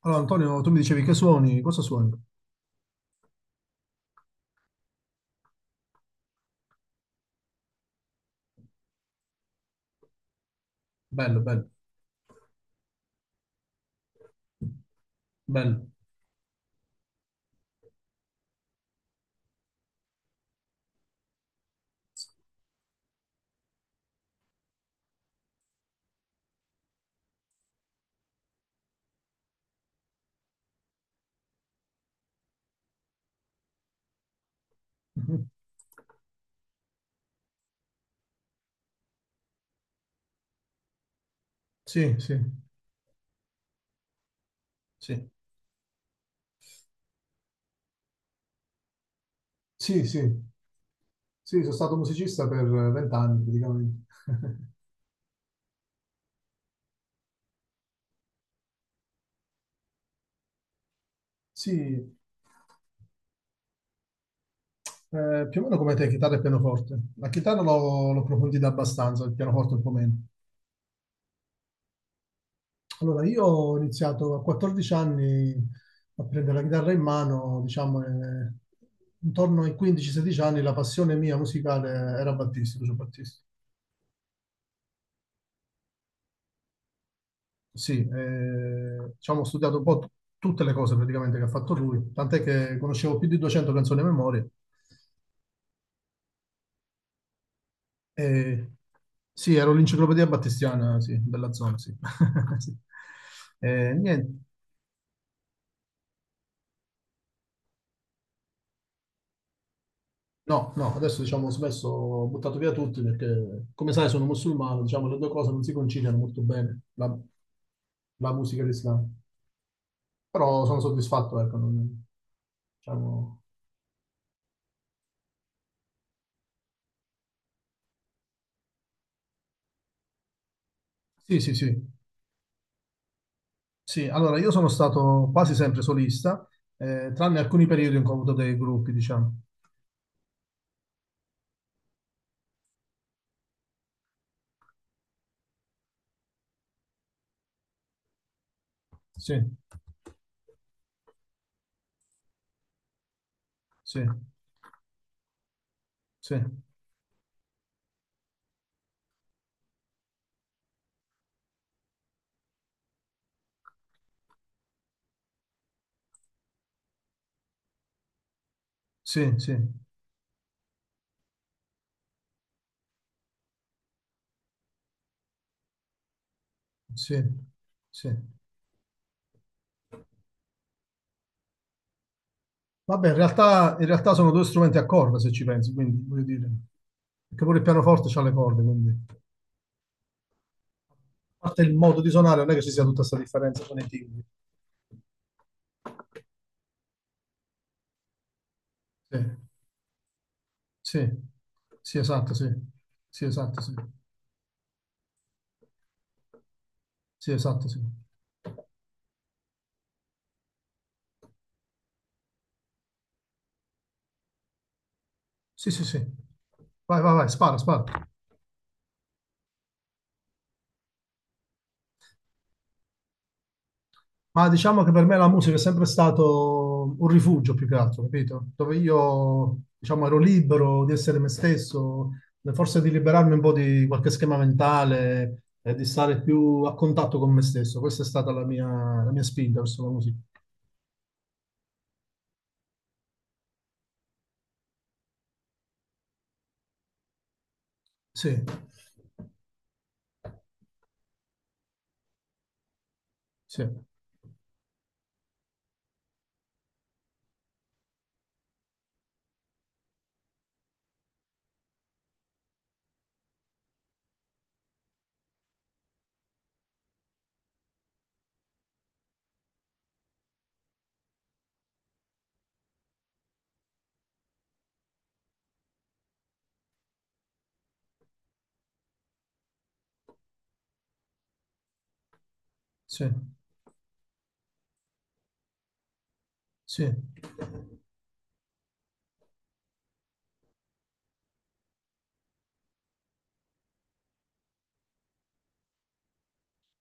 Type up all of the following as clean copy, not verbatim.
Allora, Antonio, tu mi dicevi che suoni, cosa suoni? Bello, bello, bello. Mhm. Sì, sì, sì. Sì, sì, sì, sono stato musicista per 20 anni praticamente. Sì, più o meno come te, chitarra e pianoforte. La chitarra l'ho approfondita abbastanza, il pianoforte un po' meno. Allora, io ho iniziato a 14 anni a prendere la chitarra in mano, diciamo, intorno ai 15-16 anni la passione mia musicale era Battisti, Lucio Battisti. Sì, diciamo, ho studiato un po' tutte le cose praticamente che ha fatto lui, tant'è che conoscevo più di 200 canzoni a memoria. E, sì, ero l'enciclopedia battistiana, sì, della zona, sì. Sì. Niente, no, no, adesso diciamo ho smesso, ho buttato via tutti perché, come sai, sono musulmano, diciamo, le due cose non si conciliano molto bene, la musica e l'Islam. Però sono soddisfatto, ecco, diciamo. Sì, sì, sì. Sì, allora io sono stato quasi sempre solista, tranne alcuni periodi in cui ho avuto dei gruppi, diciamo. Sì, sì, sì, sì, sì, sì, sì. Vabbè, in realtà sono due strumenti a corda, se ci pensi, quindi voglio dire, perché pure il pianoforte ha le corde, quindi. A parte il modo di suonare, non è che ci sia tutta questa differenza con i timbri. Sì, sì, sì, esatto, sì. Sì, esatto, sì. Sì, esatto, sì. Sì, sì, sì. Vai, vai, vai, spara, spara. Ma diciamo che per me la musica è sempre stato un rifugio più che altro, capito? Dove io, diciamo, ero libero di essere me stesso, forse di liberarmi un po' di qualche schema mentale e di stare più a contatto con me stesso. Questa è stata la mia spinta verso la musica. Sì, sì, sì, sì.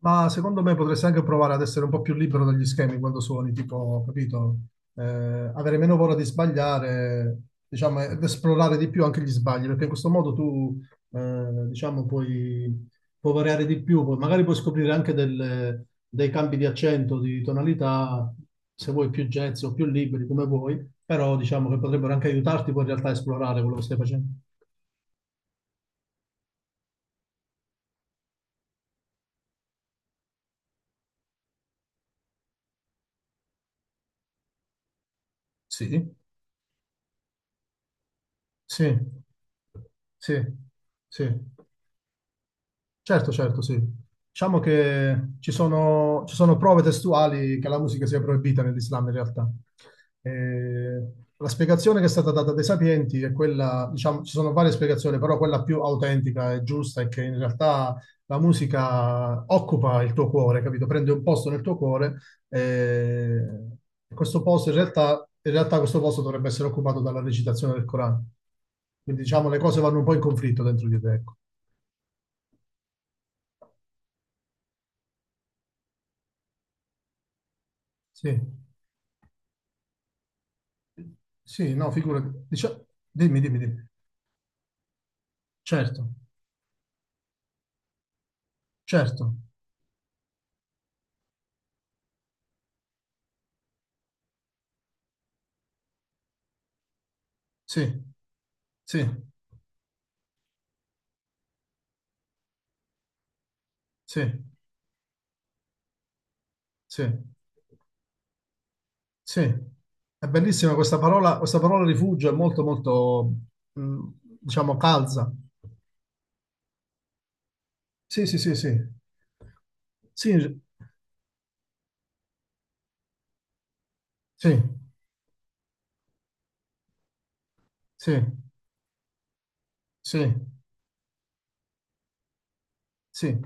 Ma secondo me potresti anche provare ad essere un po' più libero dagli schemi quando suoni, tipo, capito? Avere meno paura di sbagliare, diciamo, ed esplorare di più anche gli sbagli, perché in questo modo tu, diciamo, puoi variare di più, poi magari puoi scoprire anche dei cambi di accento, di tonalità, se vuoi più jazz o più liberi, come vuoi, però diciamo che potrebbero anche aiutarti poi in realtà a esplorare quello che stai facendo. Sì, sì, sì, sì. Certo, certo, sì. Diciamo che ci sono prove testuali che la musica sia proibita nell'Islam in realtà. Eh, la spiegazione che è stata data dai sapienti è quella, diciamo, ci sono varie spiegazioni, però quella più autentica e giusta è che in realtà la musica occupa il tuo cuore, capito? Prende un posto nel tuo cuore eh, e questo posto in realtà questo posto dovrebbe essere occupato dalla recitazione del Corano. Quindi diciamo le cose vanno un po' in conflitto dentro di te, ecco. Sì. Sì, no, figurati. Dimmi, dimmi, dimmi. Certo, certo. Sì, sì, sì, sì, sì. È bellissima questa parola, rifugio, è molto, molto, mh, diciamo, calza. Sì, sì, sì, sì. Sì, sì, sì, sì, sì.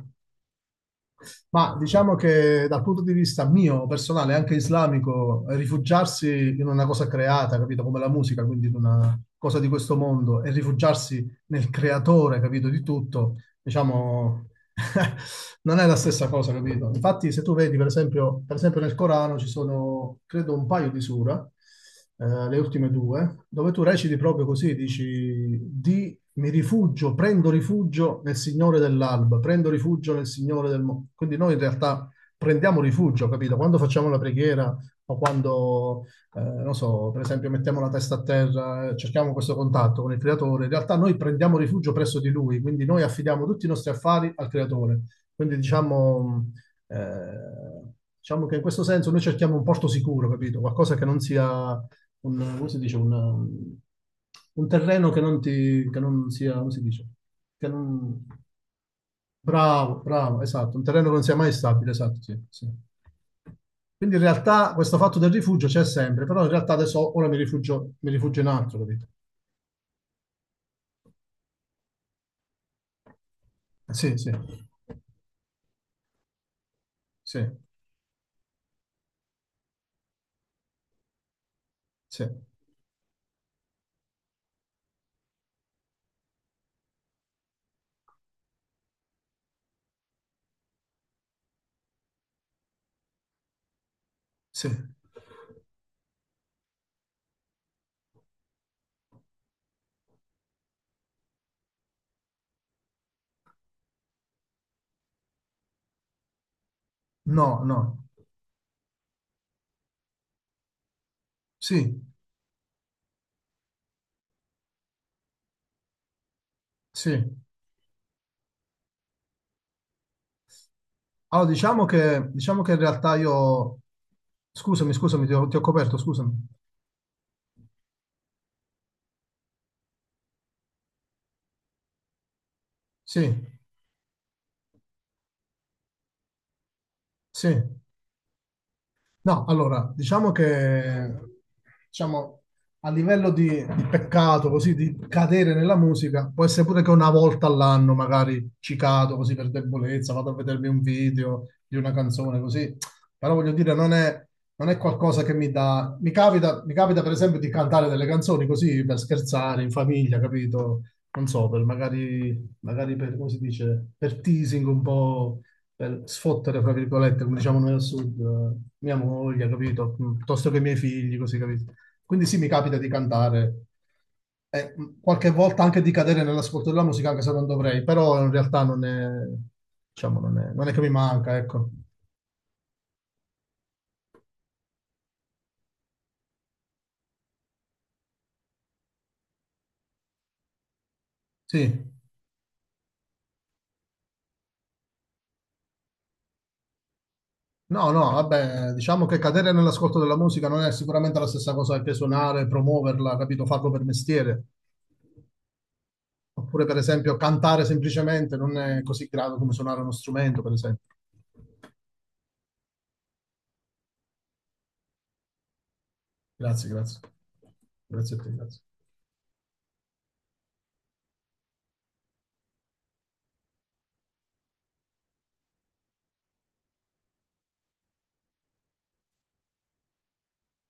Ma diciamo che dal punto di vista mio, personale, anche islamico, rifugiarsi in una cosa creata, capito, come la musica, quindi in una cosa di questo mondo, e rifugiarsi nel creatore, capito, di tutto, diciamo, non è la stessa cosa, capito? Infatti, se tu vedi, per esempio nel Corano ci sono, credo, un paio di sura, le ultime due, dove tu reciti proprio così, dici, di mi rifugio, prendo rifugio nel Signore dell'alba, prendo rifugio nel Signore del mondo. Quindi noi in realtà prendiamo rifugio, capito? Quando facciamo la preghiera o quando, non so, per esempio mettiamo la testa a terra, cerchiamo questo contatto con il creatore, in realtà noi prendiamo rifugio presso di lui, quindi noi affidiamo tutti i nostri affari al creatore. Quindi diciamo, eh, diciamo che in questo senso noi cerchiamo un porto sicuro, capito? Qualcosa che non sia un, come si dice, un terreno che non sia, come si dice, che non, bravo, bravo, esatto, un terreno che non sia mai stabile, esatto, sì, sì. Quindi in realtà questo fatto del rifugio c'è sempre, però in realtà adesso ora mi rifugio in altro, capito? Sì, sì, sì, sì, sì. No, no, sì, sì. Allora diciamo che in realtà io... Scusami, scusami, ti ho coperto, scusami. Sì, sì. No, allora, diciamo a livello di peccato, così di cadere nella musica, può essere pure che una volta all'anno magari ci cado così per debolezza, vado a vedermi un video di una canzone così, però voglio dire, non è qualcosa che mi dà... Mi capita per esempio di cantare delle canzoni così per scherzare in famiglia, capito? Non so, per magari, magari per, come si dice, per teasing un po' per sfottere, fra virgolette, come diciamo noi al sud, mia moglie, capito? Piuttosto che i miei figli, così, capito? Quindi sì, mi capita di cantare e qualche volta anche di cadere nell'ascolto della musica, anche se non dovrei, però in realtà non è, diciamo, non è che mi manca, ecco. Sì. No, no, vabbè, diciamo che cadere nell'ascolto della musica non è sicuramente la stessa cosa che suonare, promuoverla, capito? Farlo per mestiere. Oppure, per esempio, cantare semplicemente non è così grave come suonare uno strumento, per esempio. Grazie, grazie. Grazie a te, grazie.